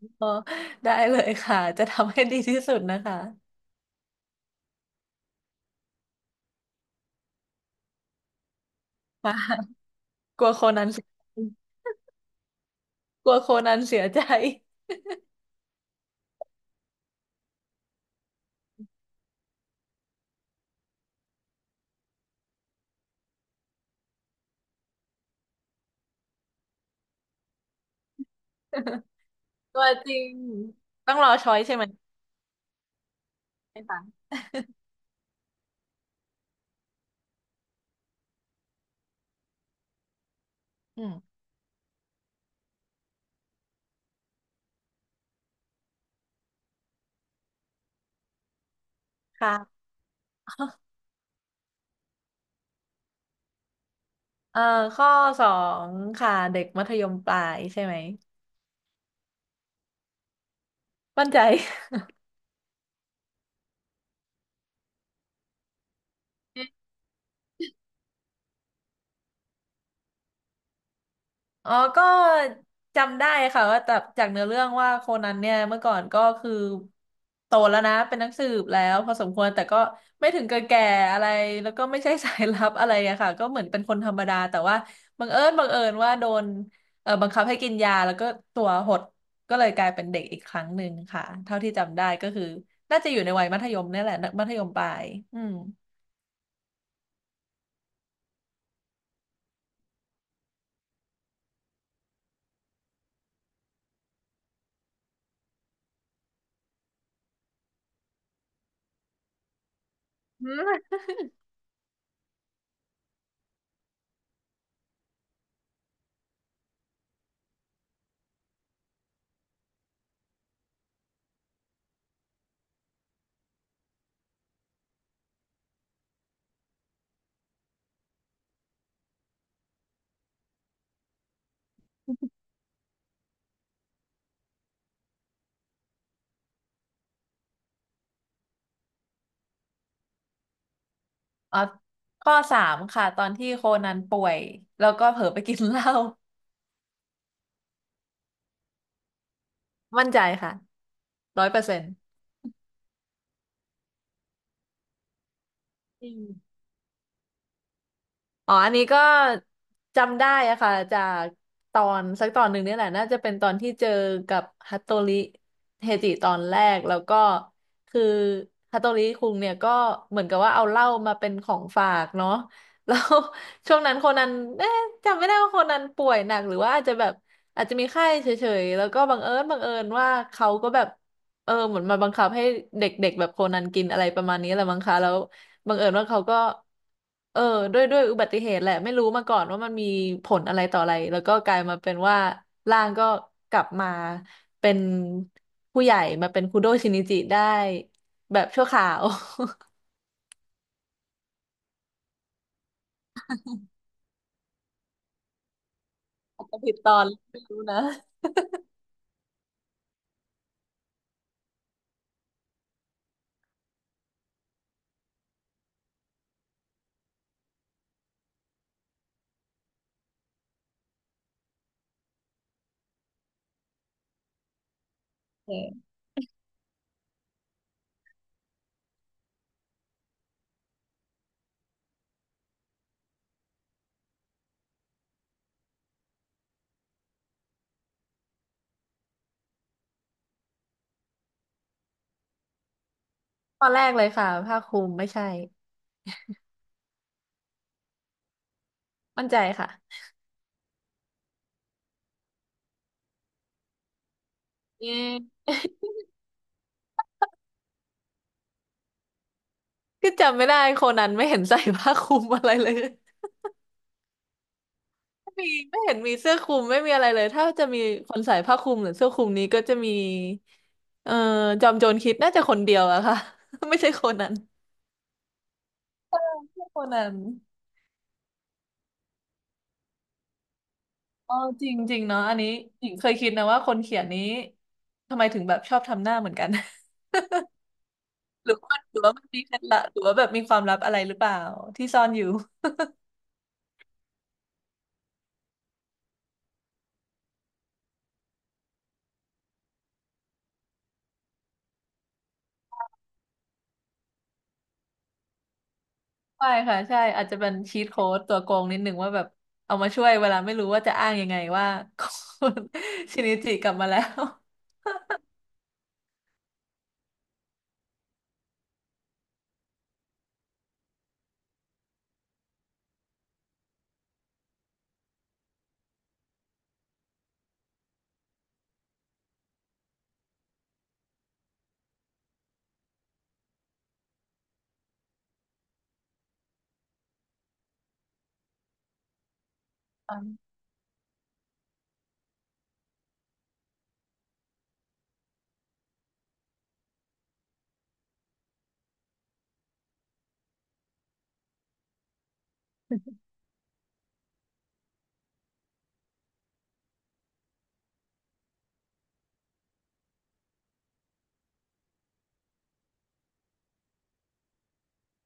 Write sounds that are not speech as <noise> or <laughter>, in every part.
<laughs> อ๋อได้เลยค่ะจะทำให้ดีที่สุดนะคะค่ะกลัวโคนันเสียกลัวโคนันเสียใจ <laughs> ตัวจริงต้องรอช้อยใช่ไหมใช่ค่ะอืมค่ะเอ่อข้อสองค่ะเด็กมัธยมปลายใช่ไหมมั่นใจ อ๋อก็จำได้ค่ะว่าจากเนื้อเรื่องว่าโคนันเนี่ยเมื่อก่อนก็คือโตแล้วนะเป็นนักสืบแล้วพอสมควรแต่ก็ไม่ถึงกับแก่อะไรแล้วก็ไม่ใช่สายลับ <laughs> อะไรอะค่ะก็เหมือนเป็นคนธรรมดาแต่ว่าบังเอิญว่าโดนบังคับให้กินยาแล้วก็ตัวหดก็เลยกลายเป็นเด็กอีกครั้งหนึ่งค่ะเท่าที่จำได้ก็คือน่าจะอยู่ในวัยมัธยมเนี่ยแหละมัธยมปลายอืมอืมอ๋อข้อสามค่ะตอนที่โคนันป่วยแล้วก็เผลอไปกินเหล้า มั่นใจค่ะ100%อืมอ๋ออันนี้ก็จำได้อะค่ะจากตอนสักตอนหนึ่งเนี่ยแหละน่าจะเป็นตอนที่เจอกับฮัตโตริเฮจิตอนแรกแล้วก็คือฮัตโตริคุงเนี่ยก็เหมือนกับว่าเอาเหล้ามาเป็นของฝากเนาะ <laughs> แล้ว <laughs> ช่วงนั้นโคนันเอ๊ะจำไม่ได้ว่าโคนันป่วยหนักหรือว่าอาจจะแบบอาจจะมีไข้เฉยๆแล้วก็บังเอิญว่าเขาก็แบบเออเหมือนมาบังคับให้เด็กๆแบบโคนันกินอะไรประมาณนี้แหละมั้งคะแล้ว บังเอิญว่าเขาก็เออด้วยอุบัติเหตุแหละไม่รู้มาก่อนว่ามันมีผลอะไรต่ออะไรแล้วก็กลายมาเป็นว่าร่างก็กลับมาเป็นผู้ใหญ่มาเป็นคุโดะชินิจิได้แบบชั่วคราว <laughs> อาจจะผิดตอนไม่รู้นะเออตอนแรกเลยค่ะผ้าคลุมไม่ใช่มั่นใจค่ะเย้คือจำไม่ได้โคนันไม่เห็นใส่ผ้าคลุมอะไรเลย มีไม่เห็นมีเสื้อคลุมไม่มีอะไรเลยถ้าจะมีคนใส่ผ้าคลุมหรือเสื้อคลุมนี้ก็จะมีเอ่อจอมโจรคิดน่าจะคนเดียวอะค่ะ <laughs> ไม่ใช่โคนนั้นไม่ใช่โคนนั้นอ๋อจริงจริงเนาะอันนี้หญิงเคยคิดนะว่าคนเขียนนี้ทำไมถึงแบบชอบทำหน้าเหมือนกัน <laughs> หรือว่ามันมีเคล็ดลับหรือว่าแบบมีความลับอะไรหรือเปล่าที่ซ่อนอยู่ใช่ค่ะใช่อาจจะเป็นชีทโค้ดตัวโกงนิดนึงว่าแบบเอามาช่วยเวลาไม่รู้ว่าจะอ้างยังไงว่า <laughs> คชินิจิกลับมาแล้ว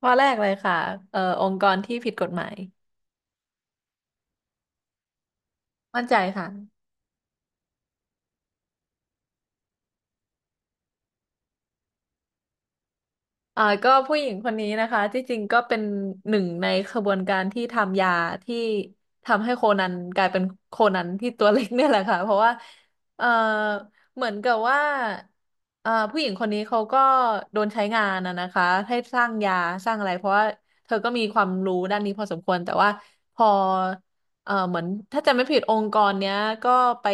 ข้อแรกเลยค่ะองค์กรที่ผิดกฎหมายมั่นใจค่ะก็ผู้หญิงคนนี้นะคะที่จริงก็เป็นหนึ่งในขบวนการที่ทำยาที่ทำให้โคนันกลายเป็นโคนันที่ตัวเล็กเนี่ยแหละค่ะเพราะว่าเอ่อเหมือนกับว่าผู้หญิงคนนี้เขาก็โดนใช้งานนะคะให้สร้างยาสร้างอะไรเพราะว่าเธอก็มีความรู้ด้านนี้พอสมควรแต่ว่าพอเออเหมือนถ้าจำไม่ผิดองค์กรเนี้ยก็ไป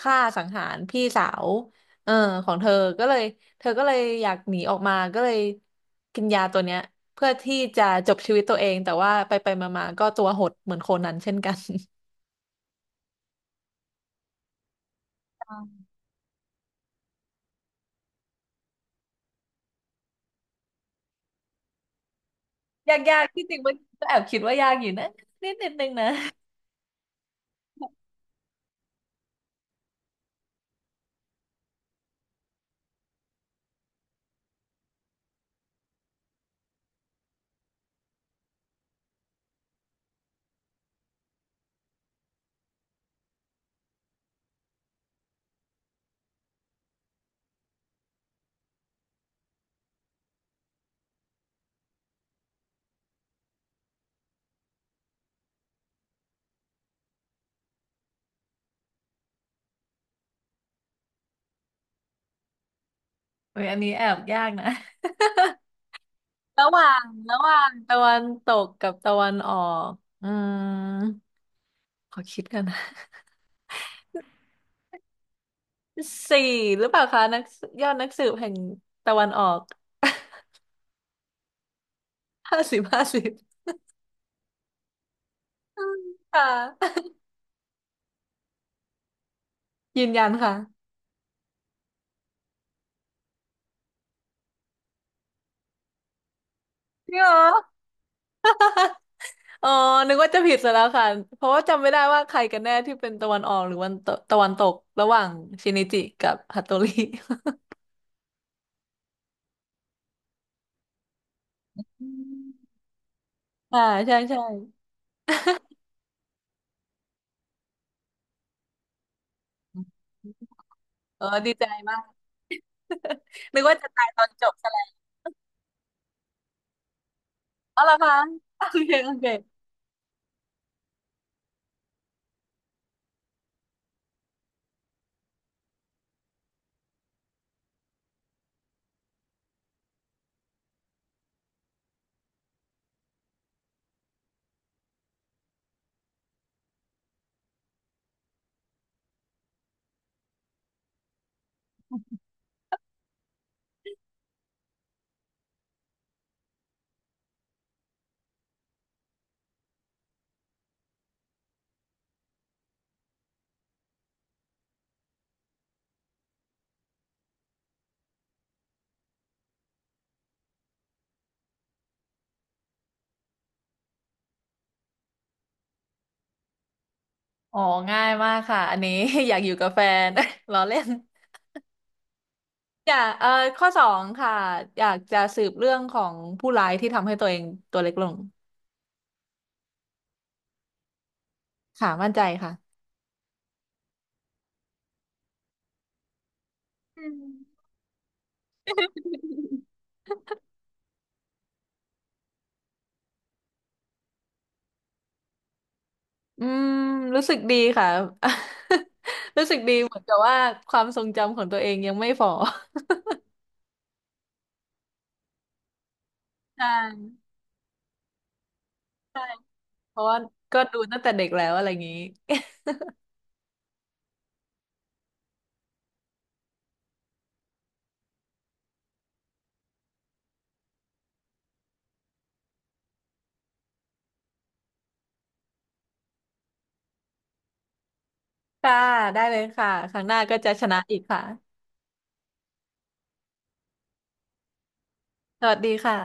ฆ่าสังหารพี่สาว เออของเธอก็เลยเธอก็เลยอยากหนีออกมาก็เลยกินยาตัวเนี้ยเพื่อที่จะจบชีวิตตัวเองแต่ว่าไปไปมามาๆก็ตัวหดเหมือนโคนันเช่นกัน <laughs> ยากที่จริงมันก็แอบคิดว่ายากอยู่นะนิดนึงนะโอ้ยอันนี้แอบยากนะระหว่างตะวันตกกับตะวันออกอืมขอคิดกันนะสี่หรือเปล่าคะนักยอดนักสืบแห่งตะวันออก <laughs> 50 50ค่ะยืนยันค่ะ จริงเหรออ๋อนึกว่าจะผิดซะแล้วค่ะเพราะว่าจำไม่ได้ว่าใครกันแน่ที่เป็นตะวันออกหรือวันตะตะวันตกระหว่างชินิจิกับฮัตโตริ <laughs> อืมอ่าใช่ใช่เออดีใจมาก <laughs> นึกว่าจะตายตอนจบซะแล้วเอาละค่ะโอเคโอเคอ๋อง่ายมากค่ะอันนี้ <laughs> อยากอยู่กับแฟน <laughs> ล้อเล่นอยากเออข้อสองค่ะอยากจะสืบเรื่องของผู้ร้ายที่ทำให้ตัวเองตัวเล็กลงค่ะมั่นใจค่ะอืม อืมรู้สึกดีค่ะ <laughs> รู้สึกดีเหมือนกับว่าความทรงจำของตัวเองยังไม่ฝ่อ <laughs> ใช่เพราะว่าก็ดูตั้งแต่เด็กแล้วอะไรอย่างนี้ <laughs> ค่ะได้เลยค่ะครั้งหน้าก็จะชนะอีกค่ะสวัสดีค่ะ